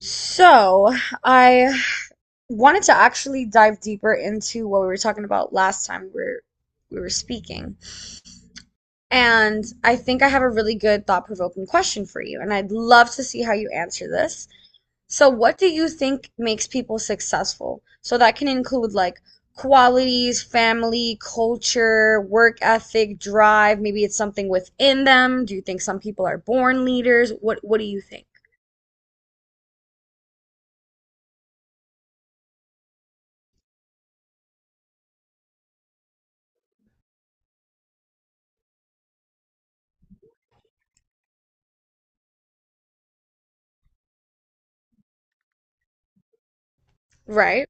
So, I wanted to actually dive deeper into what we were talking about last time we were speaking. And I think I have a really good thought-provoking question for you, and I'd love to see how you answer this. So, what do you think makes people successful? So that can include like qualities, family, culture, work ethic, drive. Maybe it's something within them. Do you think some people are born leaders? What do you think? Right?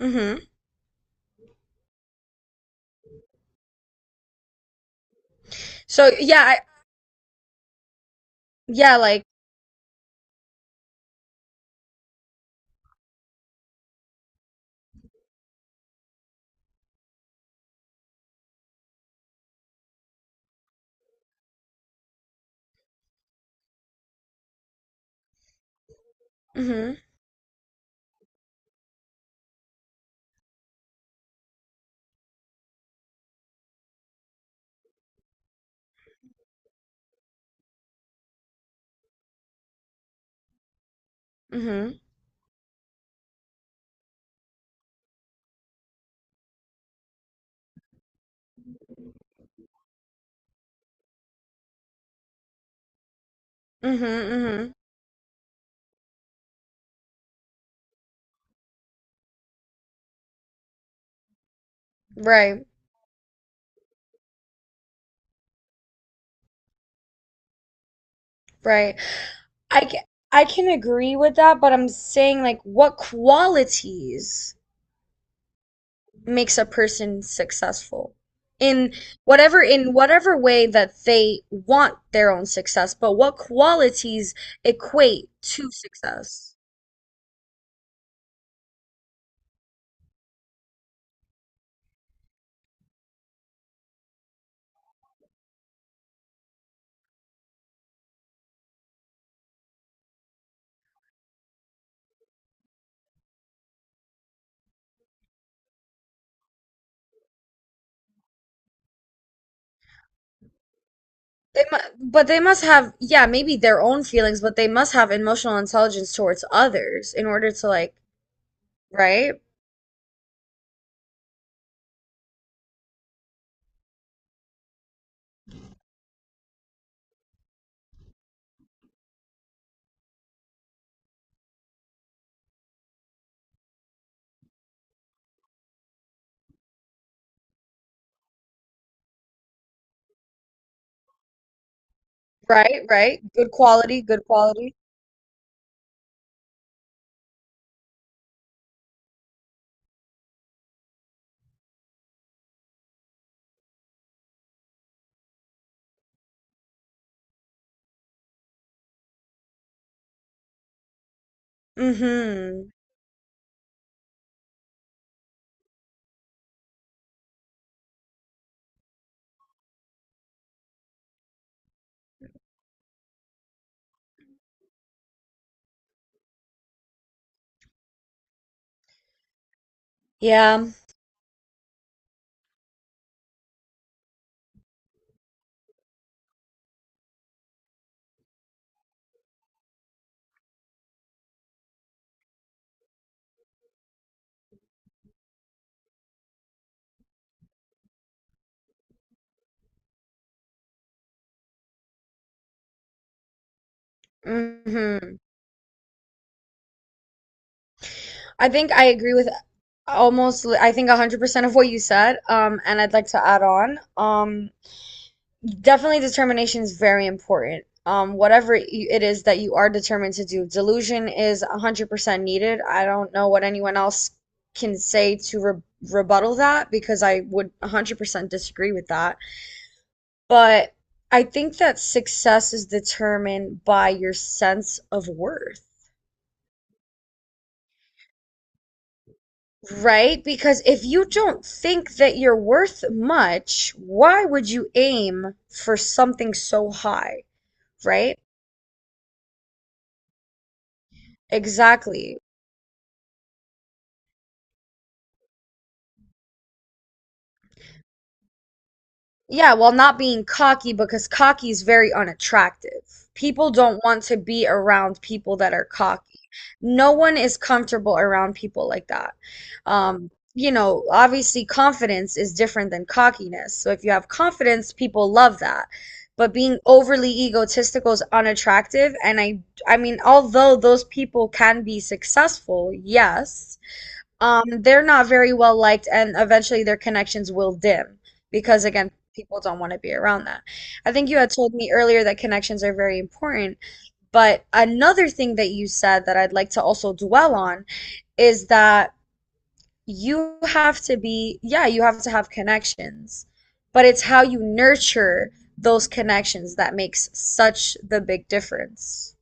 Mm-hmm. So yeah. Yeah, like, mm mhm, mm mhm, mm mhm, mhm. Right, right. I ca- I can agree with that, but I'm saying like what qualities makes a person successful in whatever way that they want their own success, but what qualities equate to success? They mu but they must have, yeah, maybe their own feelings, but they must have emotional intelligence towards others in order to like, right? Right, right. Good quality, good quality. Mm-hmm. Yeah. Mm-hmm. I think I agree with almost, I think 100% of what you said. And I'd like to add on. Definitely determination is very important. Whatever it is that you are determined to do, delusion is 100% needed. I don't know what anyone else can say to re rebuttal that because I would 100% disagree with that. But I think that success is determined by your sense of worth. Right? Because if you don't think that you're worth much, why would you aim for something so high? Right? Exactly. Yeah, while not being cocky because cocky is very unattractive. People don't want to be around people that are cocky. No one is comfortable around people like that. Obviously confidence is different than cockiness. So if you have confidence, people love that. But being overly egotistical is unattractive. I mean, although those people can be successful, yes, they're not very well liked, and eventually their connections will dim because, again, people don't want to be around that. I think you had told me earlier that connections are very important, but another thing that you said that I'd like to also dwell on is that you have to be, yeah, you have to have connections, but it's how you nurture those connections that makes such the big difference.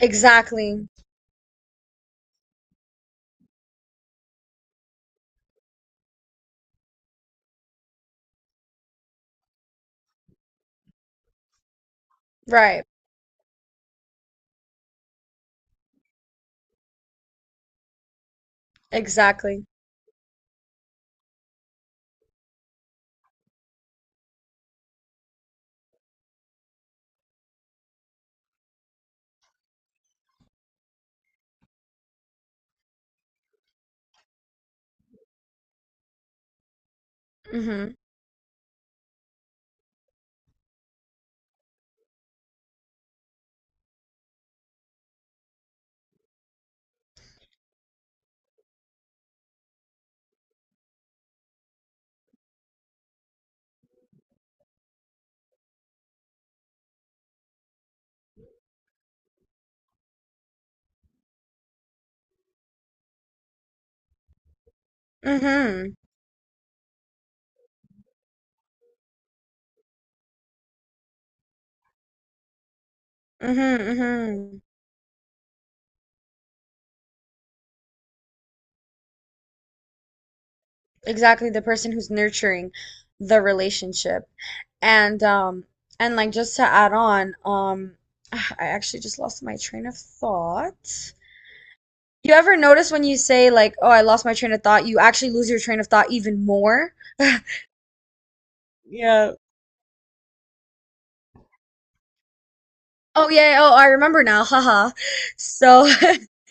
Exactly. Right. Exactly. Mm-hmm. Mm-hmm. Mm-hmm. Mm-hmm. Exactly, the person who's nurturing the relationship. And um and like just to add on, I actually just lost my train of thought. You ever notice when you say like, "Oh, I lost my train of thought," you actually lose your train of thought even more? Yeah. Oh yeah, oh I remember now. Haha. So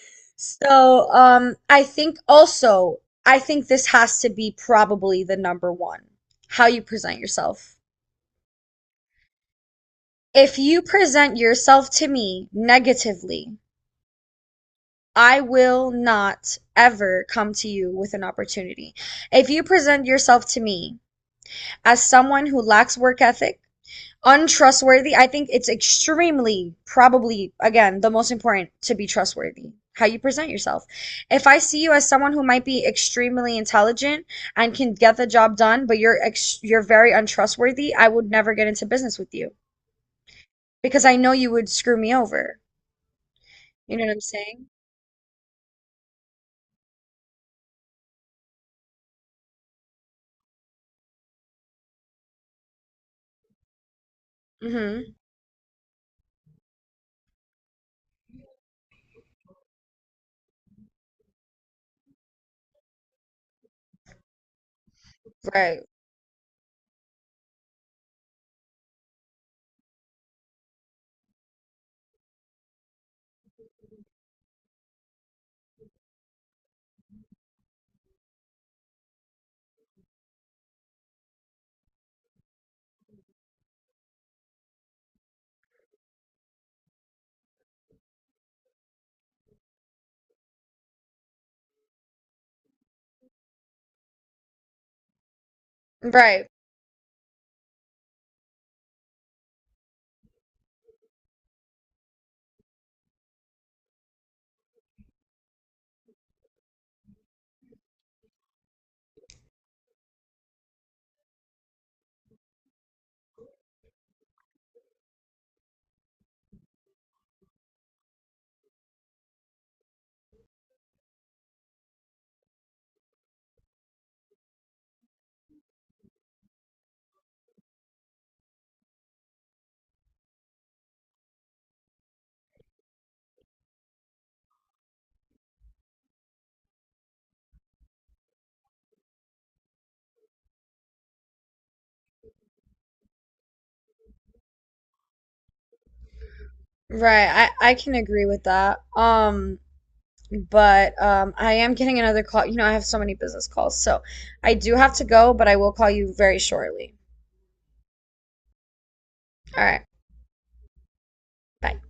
I think also I think this has to be probably the number one. How you present yourself. If you present yourself to me negatively, I will not ever come to you with an opportunity. If you present yourself to me as someone who lacks work ethic, untrustworthy, I think it's extremely, probably, again, the most important to be trustworthy, how you present yourself. If I see you as someone who might be extremely intelligent and can get the job done, but you're very untrustworthy, I would never get into business with you because I know you would screw me over. You know what I'm saying? Hmm. Right. Right. Right. I can agree with that. But I am getting another call. You know, I have so many business calls. So I do have to go, but I will call you very shortly. All right. Bye.